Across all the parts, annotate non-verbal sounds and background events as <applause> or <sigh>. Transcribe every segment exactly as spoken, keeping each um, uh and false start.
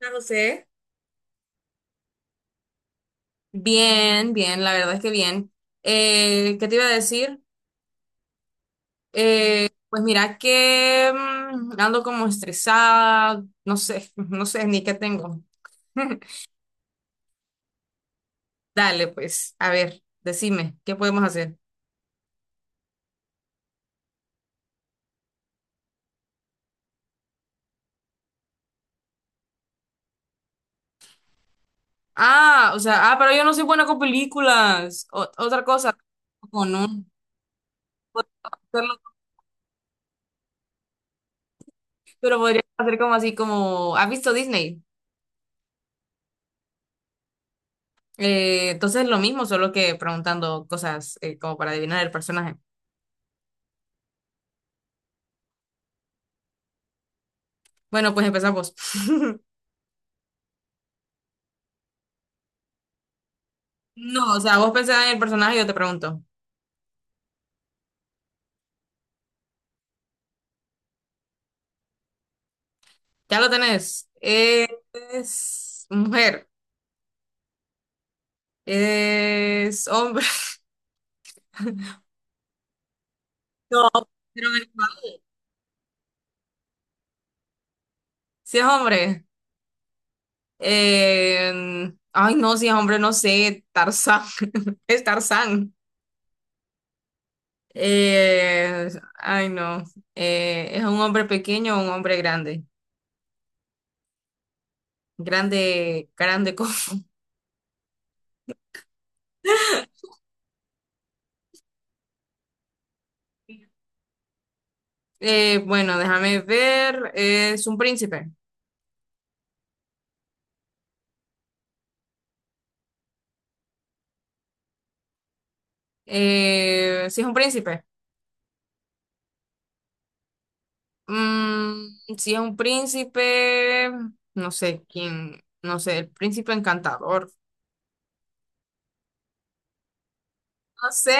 Hola, José. Bien, bien, la verdad es que bien. Eh, ¿qué te iba a decir? Eh, pues mira que mm, ando como estresada, no sé, <laughs> no sé ni qué tengo. <laughs> Dale, pues, a ver, decime, ¿qué podemos hacer? Ah, o sea, ah, pero yo no soy buena con películas. O- otra cosa, con un, hacerlo, pero podría hacer como así, como, ¿has visto Disney? Eh, entonces lo mismo, solo que preguntando cosas eh, como para adivinar el personaje. Bueno, pues empezamos. <laughs> No, o sea, vos pensás en el personaje y yo te pregunto. Ya lo tenés. ¿Es mujer? ¿Es hombre? <laughs> No, pero me- si es hombre. eh, Ay, no, si es hombre, no sé. Tarzán. <laughs> Es Tarzán. Eh, Ay, no. Eh, ¿es un hombre pequeño o un hombre grande? Grande, grande. Co- <laughs> Eh, bueno, déjame ver. Es un príncipe. Eh, si es un príncipe. Mm, si es un príncipe, no sé quién, no sé, el príncipe encantador. No sé,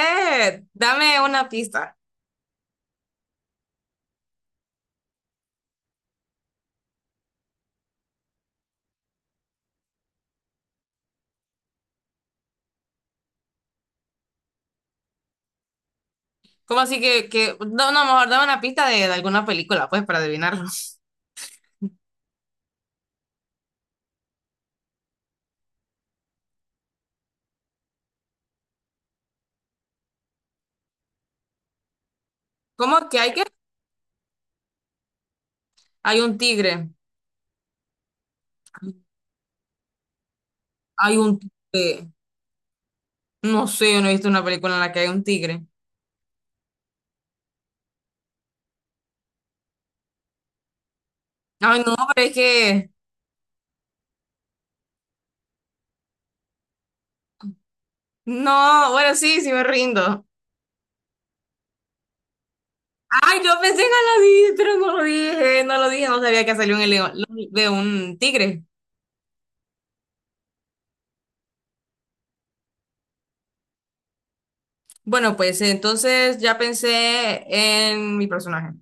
dame una pista. ¿Cómo así que, que, no, no, mejor dame una pista de, de alguna película, pues, para adivinarlo. <laughs> ¿Cómo que hay que? Hay un tigre, hay un tigre. No sé, yo no he visto una película en la que hay un tigre. Ay, no, pero es que, no, bueno, sí, sí me rindo. Ay, yo pensé que no lo dije, pero no lo dije, no lo dije, no sabía que salió un león, de un tigre. Bueno, pues entonces ya pensé en mi personaje.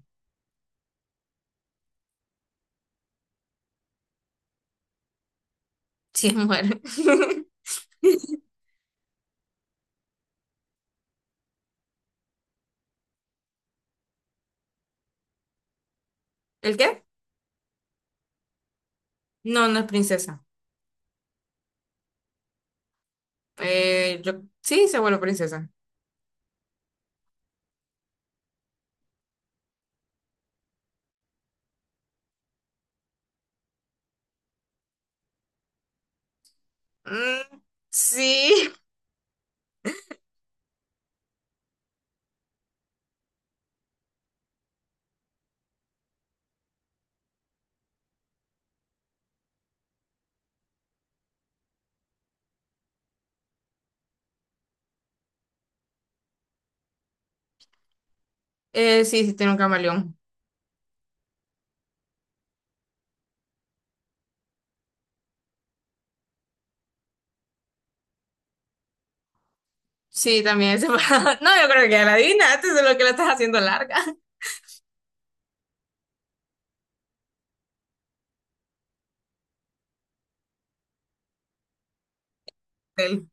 Sí, es mujer. <laughs> ¿El qué? No, no es princesa. Eh, yo sí se vuelve princesa. Mm, sí. Eh, sí, sí tiene un camaleón. Sí, también es separado. <laughs> No, yo creo que ya la adivinaste, solo que la estás haciendo larga. <laughs> Él,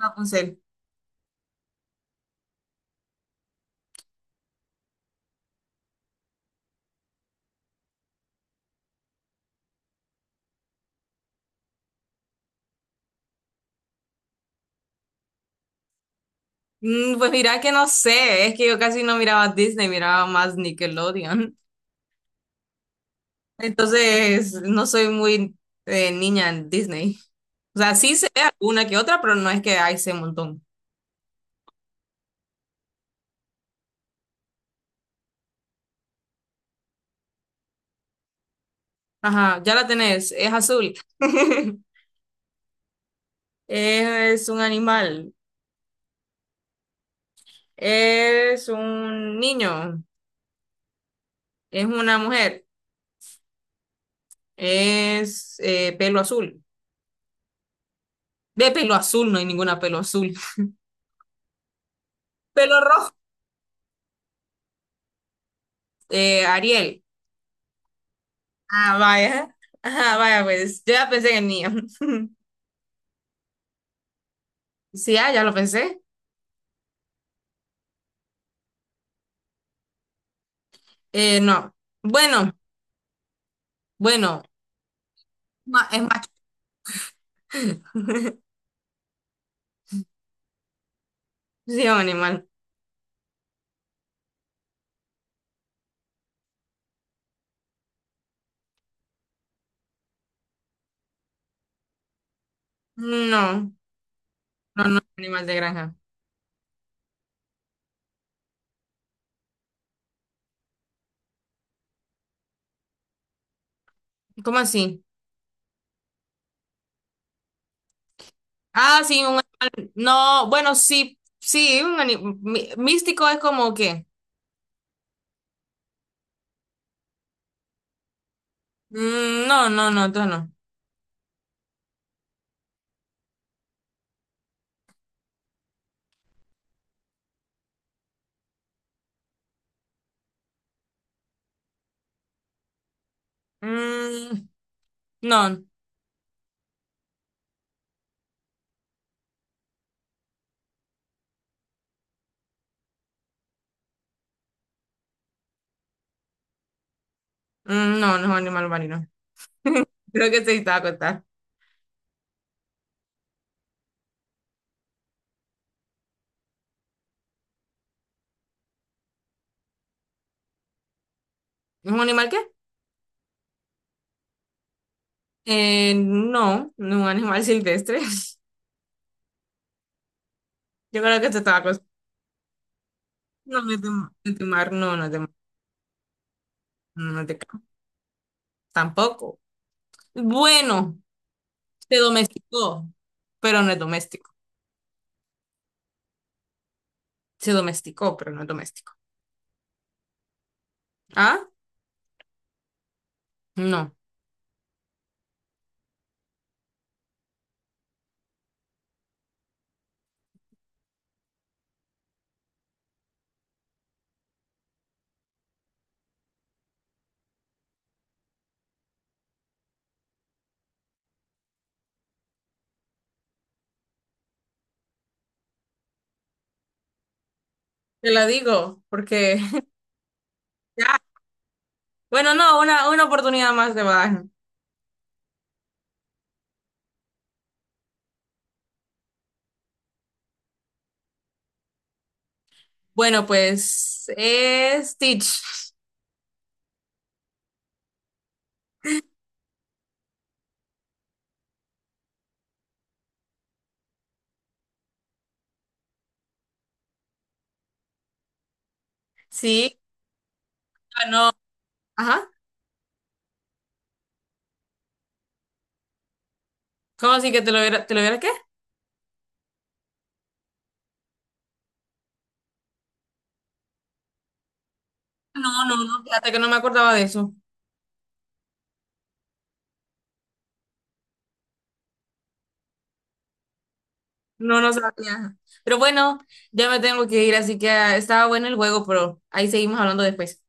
Rapunzel. Mm, pues mira que no sé, es que yo casi no miraba Disney, miraba más Nickelodeon. Entonces, no soy muy eh, niña en Disney. O sea, sí sé una que otra, pero no es que hay sé un montón. Ajá, ya la tenés, es azul. <laughs> Es un animal, es un niño, es una mujer, es eh, pelo azul. De pelo azul, no hay ninguna pelo azul. <laughs> Pelo rojo, eh, Ariel. Ah, vaya. Ajá, vaya, pues yo ya pensé en el niño. <laughs> Sí, ah, ya lo pensé. Eh, no. Bueno, bueno. Ma- es macho. <laughs> Sí, es un animal. No, no, no es un animal de granja. ¿Cómo así? Ah, sí, un animal. No, bueno, sí, sí, un animal. Místico es como que. Mm, no, no, no, entonces no. Mm, no, mm, no, no es un animal marino. <laughs> Creo que se estaba a acostar. ¿Es un animal qué? Eh, no, no es un animal silvestre. <laughs> Yo creo que se estaba acostando. No, no es de ma- no es de mar, no, no es de mar, no es de campo. Tampoco. Bueno. Se domesticó, pero no es doméstico. Se domesticó, pero no es doméstico. ¿Ah? No. Te la digo, porque <laughs> ya. Bueno, no, una, una oportunidad más de badaje. Bueno, pues es Stitch. Sí, ganó. Ajá. ¿Cómo así que te lo hubiera, te lo hubiera qué? No, no, no, fíjate que no me acordaba de eso. No, no sabía. Pero bueno, ya me tengo que ir, así que ah, estaba bueno el juego, pero ahí seguimos hablando después.